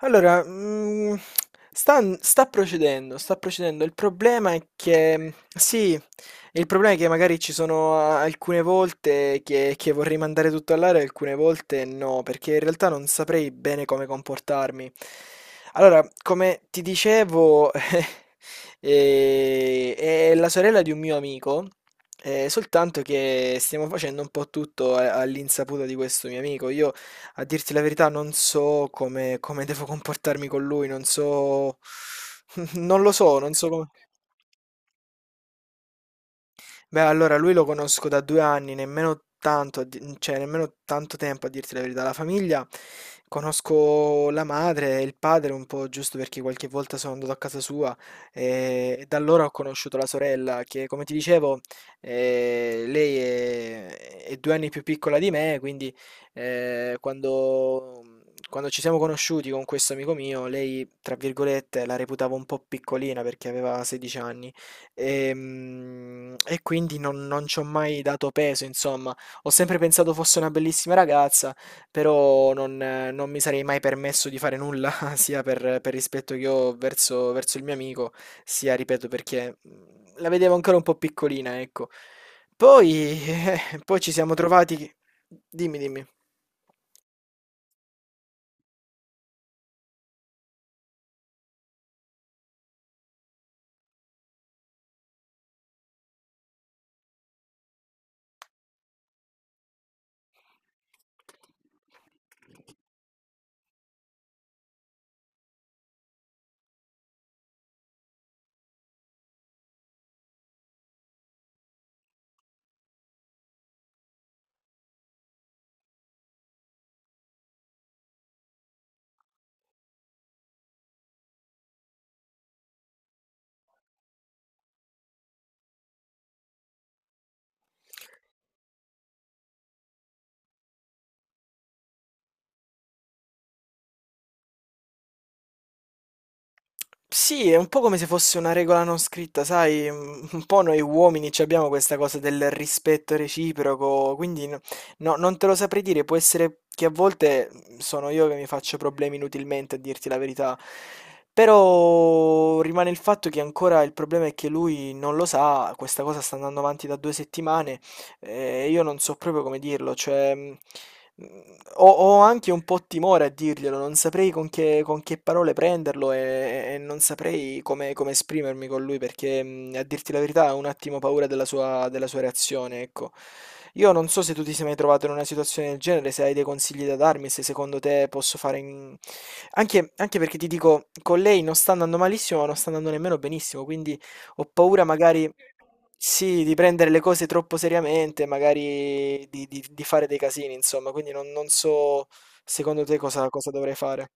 Allora, sta procedendo, sta procedendo. Il problema è che sì, il problema è che magari ci sono a alcune volte che vorrei mandare tutto all'aria e alcune volte no, perché in realtà non saprei bene come comportarmi. Allora, come ti dicevo, è la sorella di un mio amico, soltanto che stiamo facendo un po' tutto a all'insaputa di questo mio amico. Io, a dirti la verità, non so come devo comportarmi con lui, non so... Non lo so, non so come... Beh, allora lui lo conosco da 2 anni, nemmeno tanto, cioè nemmeno tanto tempo a dirti la verità. La famiglia, conosco la madre e il padre un po', giusto perché qualche volta sono andato a casa sua. E da allora ho conosciuto la sorella che, come ti dicevo, lei è 2 anni più piccola di me, quindi quando... Quando ci siamo conosciuti con questo amico mio, lei, tra virgolette, la reputavo un po' piccolina perché aveva 16 anni. E quindi non ci ho mai dato peso, insomma. Ho sempre pensato fosse una bellissima ragazza, però non mi sarei mai permesso di fare nulla, sia per rispetto che ho verso il mio amico, sia, ripeto, perché la vedevo ancora un po' piccolina, ecco. Poi, poi ci siamo trovati. Dimmi, dimmi. Sì, è un po' come se fosse una regola non scritta, sai, un po' noi uomini ci abbiamo questa cosa del rispetto reciproco, quindi no, non te lo saprei dire, può essere che a volte sono io che mi faccio problemi inutilmente a dirti la verità, però rimane il fatto che ancora il problema è che lui non lo sa. Questa cosa sta andando avanti da 2 settimane. Io non so proprio come dirlo, cioè, mh, ho anche un po' timore a dirglielo, non saprei con che parole prenderlo e non saprei come esprimermi con lui, perché, a dirti la verità, ho un attimo paura della sua reazione, ecco. Io non so se tu ti sei mai trovato in una situazione del genere, se hai dei consigli da darmi, se secondo te posso fare in... Anche, anche perché ti dico, con lei non sta andando malissimo, ma non sta andando nemmeno benissimo, quindi... Ho paura magari, sì, di prendere le cose troppo seriamente, magari di fare dei casini, insomma, quindi non so secondo te cosa dovrei fare.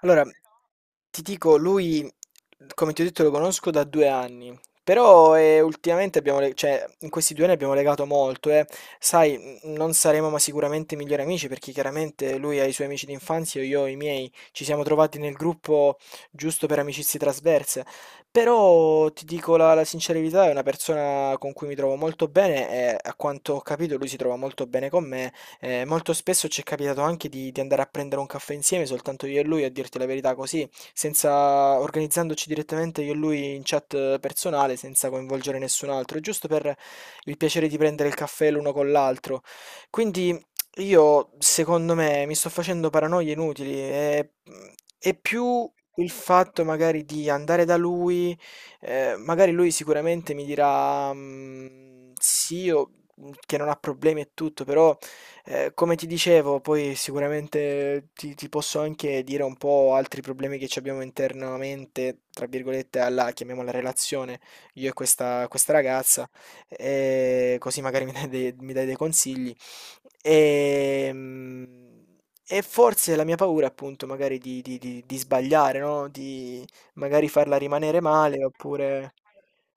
Allora, ti dico, lui, come ti ho detto, lo conosco da 2 anni, però ultimamente abbiamo, cioè, in questi 2 anni abbiamo legato molto, eh. Sai, non saremo ma sicuramente migliori amici perché chiaramente lui ha i suoi amici d'infanzia e io ho i miei. Ci siamo trovati nel gruppo giusto per amicizie trasverse, però ti dico la sincerità, è una persona con cui mi trovo molto bene e a quanto ho capito lui si trova molto bene con me. Molto spesso ci è capitato anche di andare a prendere un caffè insieme, soltanto io e lui, a dirti la verità, così senza organizzandoci direttamente io e lui in chat personale, senza coinvolgere nessun altro, giusto per il piacere di prendere il caffè l'uno con l'altro. Quindi io, secondo me, mi sto facendo paranoie inutili. È più il fatto magari di andare da lui, magari lui sicuramente mi dirà, "Mm, sì, io- che non ha problemi e tutto", però... Come ti dicevo, poi sicuramente ti posso anche dire un po' altri problemi che ci abbiamo internamente, tra virgolette, alla, chiamiamola relazione, io e questa ragazza, così magari mi dai dei consigli. Ehm, E forse la mia paura, appunto, magari di sbagliare, no? Di magari farla rimanere male, oppure...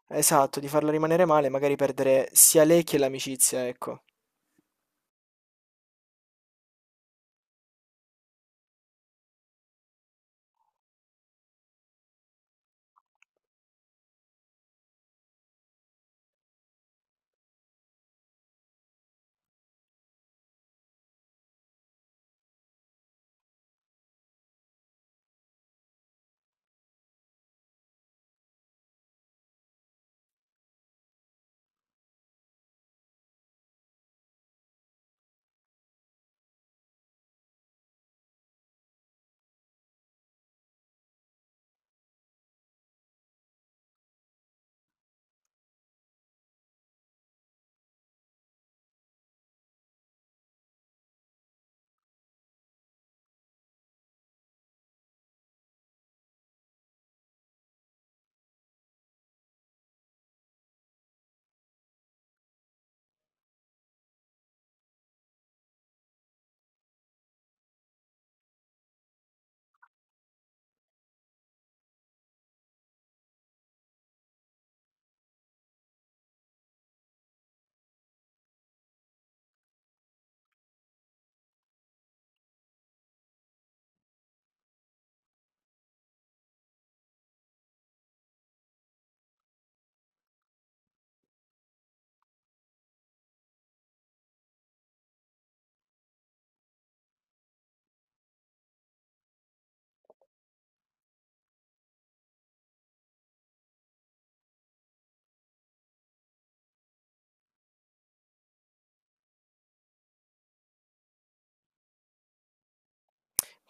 Esatto, di farla rimanere male, magari perdere sia lei che l'amicizia, ecco.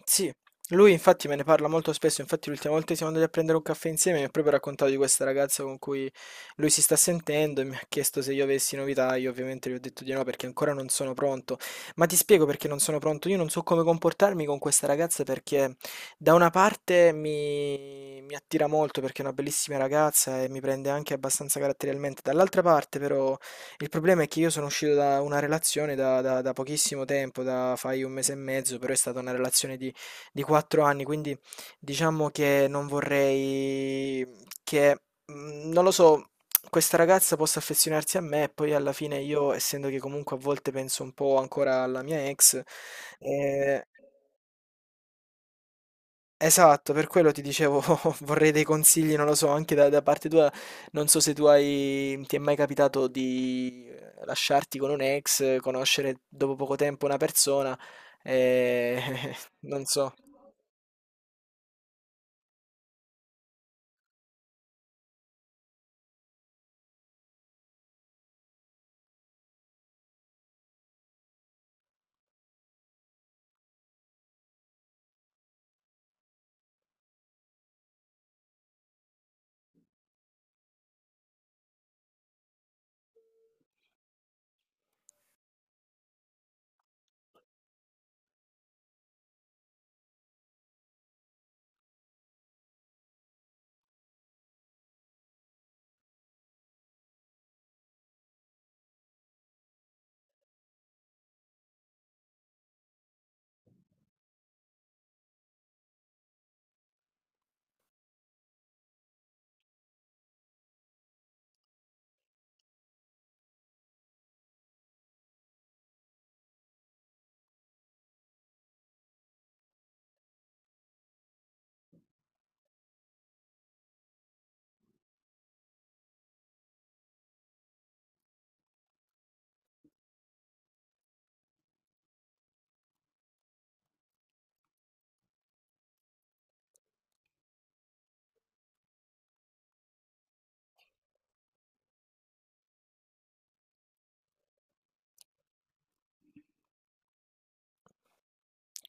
Sì, lui infatti me ne parla molto spesso. Infatti l'ultima volta che siamo andati a prendere un caffè insieme mi ha proprio raccontato di questa ragazza con cui lui si sta sentendo, e mi ha chiesto se io avessi novità. Io ovviamente gli ho detto di no perché ancora non sono pronto, ma ti spiego perché non sono pronto. Io non so come comportarmi con questa ragazza perché da una parte mi attira molto, perché è una bellissima ragazza e mi prende anche abbastanza caratterialmente, dall'altra parte però il problema è che io sono uscito da una relazione da, da pochissimo tempo, da fai un mese e mezzo, però è stata una relazione di 4 anni, quindi diciamo che non vorrei che, non lo so, questa ragazza possa affezionarsi a me e poi alla fine io, essendo che comunque a volte penso un po' ancora alla mia ex, ehm esatto, per quello ti dicevo vorrei dei consigli, non lo so, anche da parte tua. Non so se tu hai ti è mai capitato di lasciarti con un'ex, conoscere dopo poco tempo una persona, ehm, non so.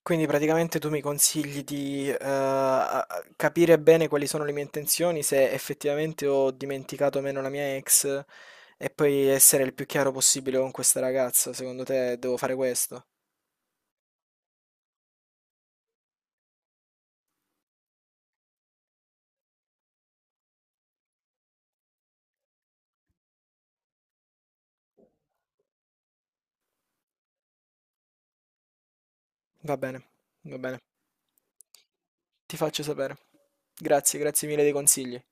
Quindi praticamente tu mi consigli di, a capire bene quali sono le mie intenzioni, se effettivamente ho dimenticato o meno la mia ex, e poi essere il più chiaro possibile con questa ragazza. Secondo te devo fare questo? Va bene, va bene. Ti faccio sapere. Grazie, grazie mille dei consigli.